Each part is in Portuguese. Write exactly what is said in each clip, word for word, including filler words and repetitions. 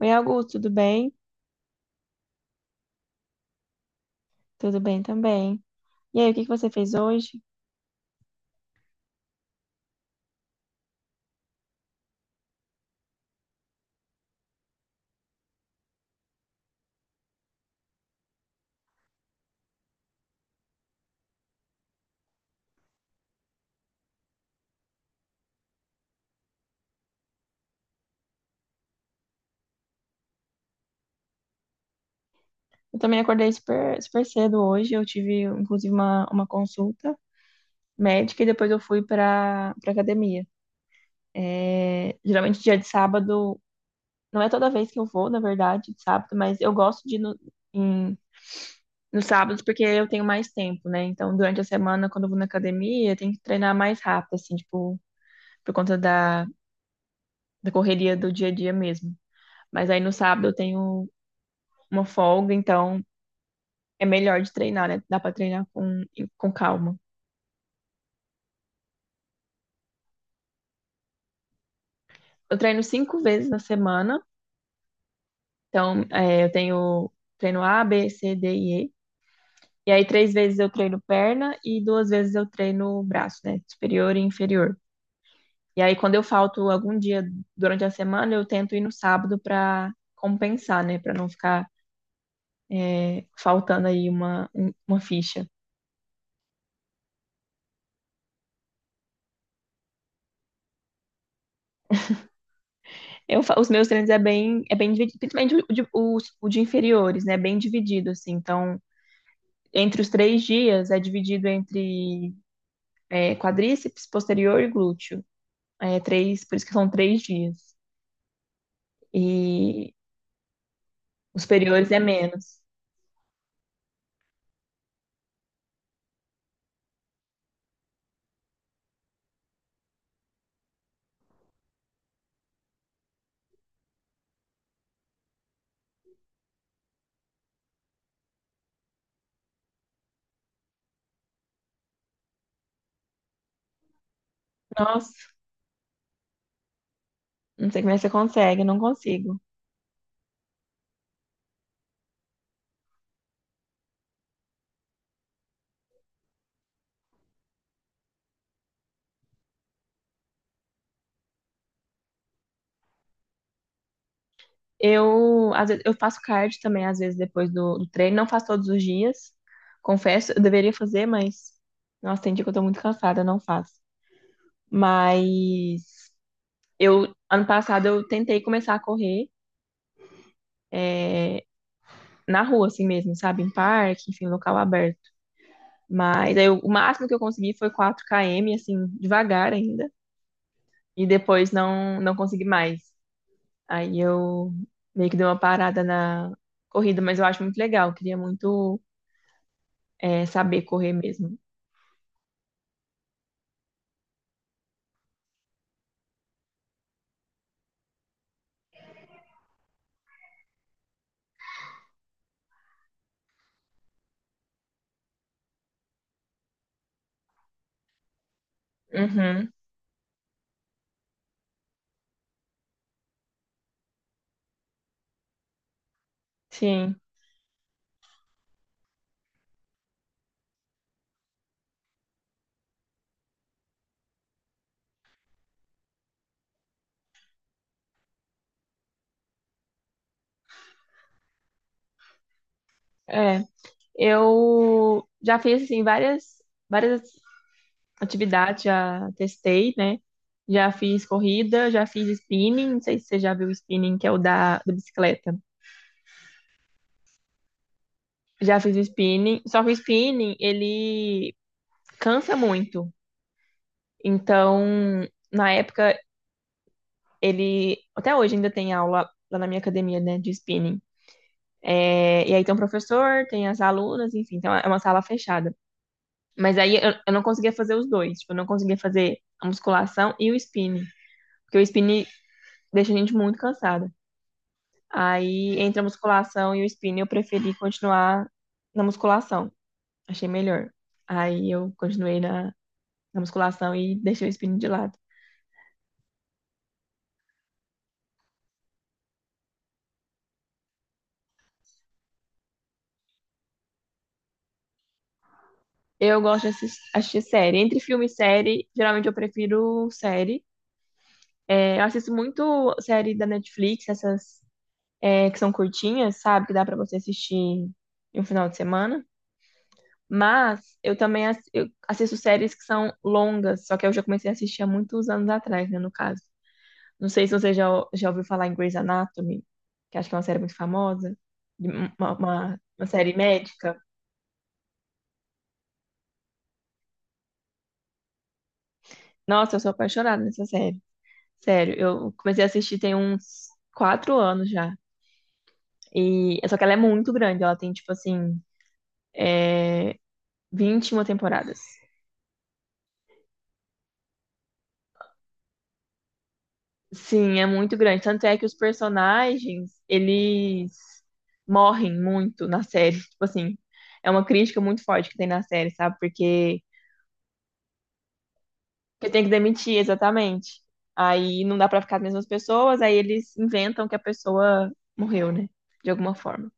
Oi, Augusto, tudo bem? Tudo bem também. E aí, o que que você fez hoje? Eu também acordei super, super cedo hoje. Eu tive, inclusive, uma, uma consulta médica e depois eu fui para para academia. É, geralmente, dia de sábado, não é toda vez que eu vou, na verdade, de sábado, mas eu gosto de ir no, em, nos sábados porque eu tenho mais tempo, né? Então, durante a semana, quando eu vou na academia, eu tenho que treinar mais rápido, assim, tipo, por conta da, da correria do dia a dia mesmo. Mas aí no sábado eu tenho uma folga, então é melhor de treinar, né? Dá pra treinar com, com calma. Eu treino cinco vezes na semana, então é, eu tenho treino A, B, C, D e E. E aí três vezes eu treino perna e duas vezes eu treino braço, né? Superior e inferior. E aí quando eu falto algum dia durante a semana, eu tento ir no sábado pra compensar, né? Pra não ficar é, faltando aí uma, um- uma ficha. Eu, fa- os meus treinos é bem, é bem dividido, principalmente o de, o, o de inferiores, né? Bem dividido, assim. Então entre os três dias é dividido entre é, quadríceps, posterior e glúteo. É três, por isso que são três dias. E os superiores é menos. Nossa, não sei como é que você consegue, eu não consigo. Eu, às vezes, eu faço cardio também, às vezes, depois do, do treino. Não faço todos os dias, confesso. Eu deveria fazer, mas... Nossa, tem dia que eu tô muito cansada, eu não faço. Mas eu, ano passado, eu tentei começar a correr na rua, assim mesmo, sabe? Em parque, enfim, local aberto. Mas aí, o o máximo que eu consegui foi quatro km, assim, devagar ainda. E depois não, não consegui mais. Aí eu meio que dei uma parada na corrida, mas eu acho muito legal. Eu queria muito, é, saber correr mesmo. Uhum, sim. É. Eu já fiz, assim, várias, várias atividades, já testei, né? Já fiz corrida, já fiz spinning. Não sei se você já viu o spinning, que é o da, da bicicleta. Já fiz o spinning. Só que o spinning, ele cansa muito. Então, na época, ele. Até hoje ainda tem aula lá na minha academia, né, de spinning. É, e aí tem o professor, tem as alunas, enfim, então é uma sala fechada. Mas aí eu, eu não conseguia fazer os dois. Tipo, eu não conseguia fazer a musculação e o spinning. Porque o spinning deixa a gente muito cansada. Aí, entre a musculação e o spinning, eu preferi continuar na musculação. Achei melhor. Aí eu continuei na, na musculação e deixei o spinning de lado. Eu gosto de assis- assistir série. Entre filme e série, geralmente eu prefiro série. É, eu assisto muito série da Netflix, essas é, que são curtinhas, sabe? Que dá pra você assistir em um final de semana. Mas eu também ass- eu assisto séries que são longas, só que eu já comecei a assistir há muitos anos atrás, né, no caso. Não sei se você já, ou- já ouviu falar em Grey's Anatomy, que acho que é uma série muito famosa, de- uma, uma uma série médica. Nossa, eu sou apaixonada nessa série. Sério, eu comecei a assistir tem uns quatro anos já. E só que ela é muito grande, ela tem tipo assim vinte e uma temporadas. Sim, é muito grande. Tanto é que os personagens, eles morrem muito na série. Tipo assim, é uma crítica muito forte que tem na série, sabe? Porque, porque tem que demitir, exatamente. Aí não dá pra ficar as mesmas pessoas, aí eles inventam que a pessoa morreu, né? De alguma forma.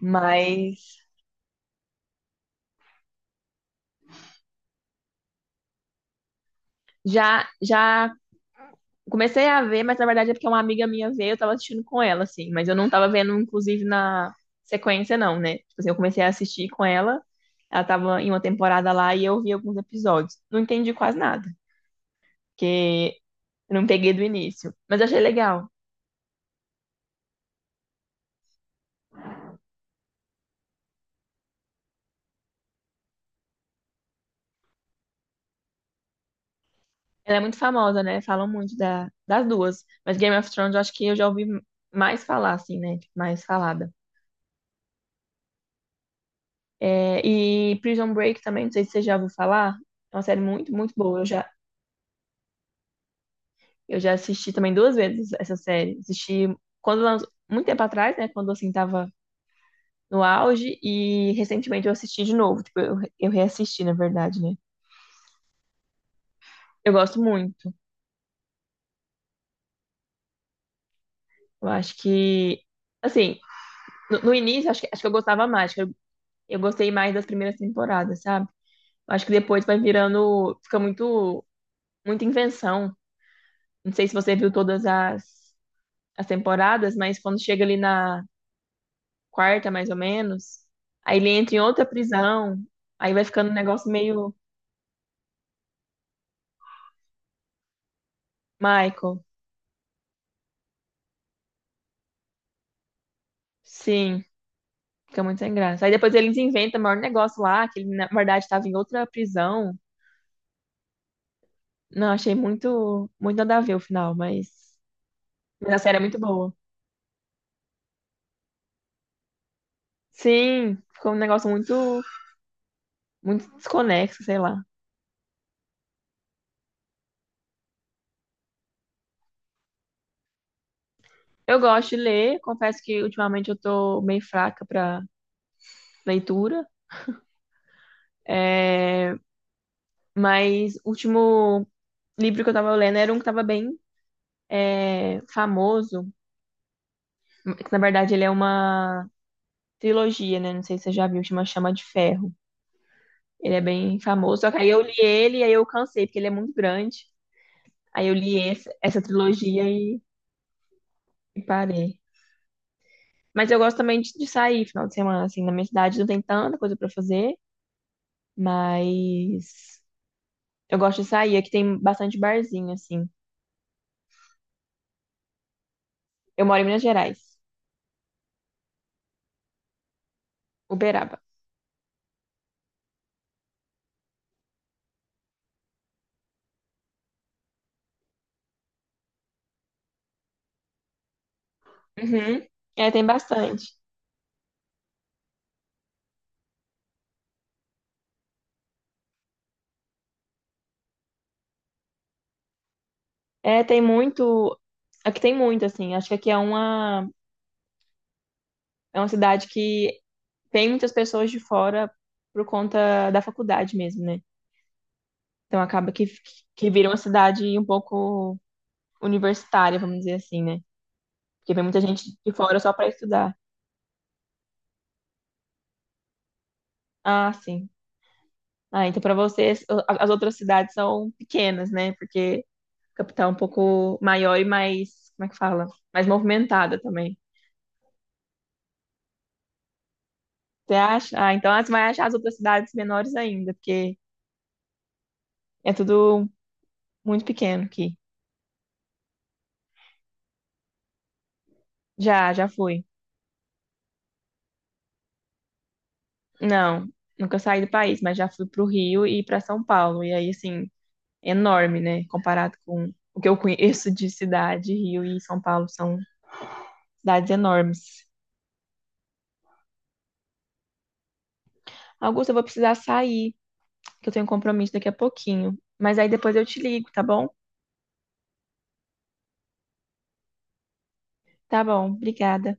Mas já já comecei a ver, mas na verdade é porque uma amiga minha veio, eu tava assistindo com ela, assim. Mas eu não tava vendo, inclusive, na sequência, não, né? Tipo assim, eu comecei a assistir com ela, ela tava em uma temporada lá e eu vi alguns episódios. Não entendi quase nada, porque eu não peguei do início. Mas achei legal. Ela é muito famosa, né? Falam muito da, das duas. Mas Game of Thrones eu acho que eu já ouvi mais falar, assim, né? Tipo, mais falada. É, e Prison Break também, não sei se você já ouviu falar. É uma série muito, muito boa. Eu já Eu já assisti também duas vezes essa série. Assisti quando lançou- muito tempo atrás, né? Quando assim tava no auge, e recentemente eu assisti de novo. Tipo, eu, eu reassisti, na verdade, né? Eu gosto muito. Eu acho que, assim, no, no início, acho que, acho que eu gostava mais. Acho que Eu, eu gostei mais das primeiras temporadas, sabe? Eu acho que depois vai virando. Fica muito, muita invenção. Não sei se você viu todas as, as temporadas, mas quando chega ali na quarta, mais ou menos. Aí ele entra em outra prisão. Aí vai ficando um negócio meio Michael. Sim, fica muito sem graça. Aí depois eles inventam o maior negócio lá, que ele na verdade estava em outra prisão. Não, achei muito, muito nada a ver o final, mas, mas a série é muito boa. Sim, ficou um negócio muito, muito desconexo, sei lá. Eu gosto de ler, confesso que ultimamente eu tô meio fraca pra leitura, mas o último livro que eu tava lendo era um que tava bem é, famoso. É que, na verdade, ele é uma trilogia, né? Não sei se você já viu, chama Chama de Ferro. Ele é bem famoso. Só que aí eu li ele e aí eu cansei, porque ele é muito grande. Aí eu li esse- essa trilogia e, e parei. Mas eu gosto também de, de sair final de semana, assim. Na minha cidade não tem tanta coisa pra fazer, mas eu gosto de sair. Aqui tem bastante barzinho, assim. Eu moro em Minas Gerais, Uberaba. Uhum. É, tem bastante. É, tem muito. Aqui tem muito, assim. Acho que aqui é uma, é uma cidade que, tem muitas pessoas de fora por conta da faculdade mesmo, né? Então acaba que, que vira uma cidade um pouco universitária, vamos dizer assim, né? Porque vem muita gente de fora só para estudar. Ah, sim. Ah, então para vocês o- as outras cidades são pequenas, né? Porque a capital é um pouco maior e mais, como é que fala? Mais movimentada também. Você acha? Ah, então você vai achar as outras cidades menores ainda, porque é tudo muito pequeno aqui. Já, já fui. Não, nunca saí do país, mas já fui pro Rio e para São Paulo. E aí, assim, enorme, né? Comparado com o que eu conheço de cidade, Rio e São Paulo são cidades enormes. Augusto, eu vou precisar sair, que eu tenho um compromisso daqui a pouquinho. Mas aí depois eu te ligo, tá bom? Tá bom, obrigada.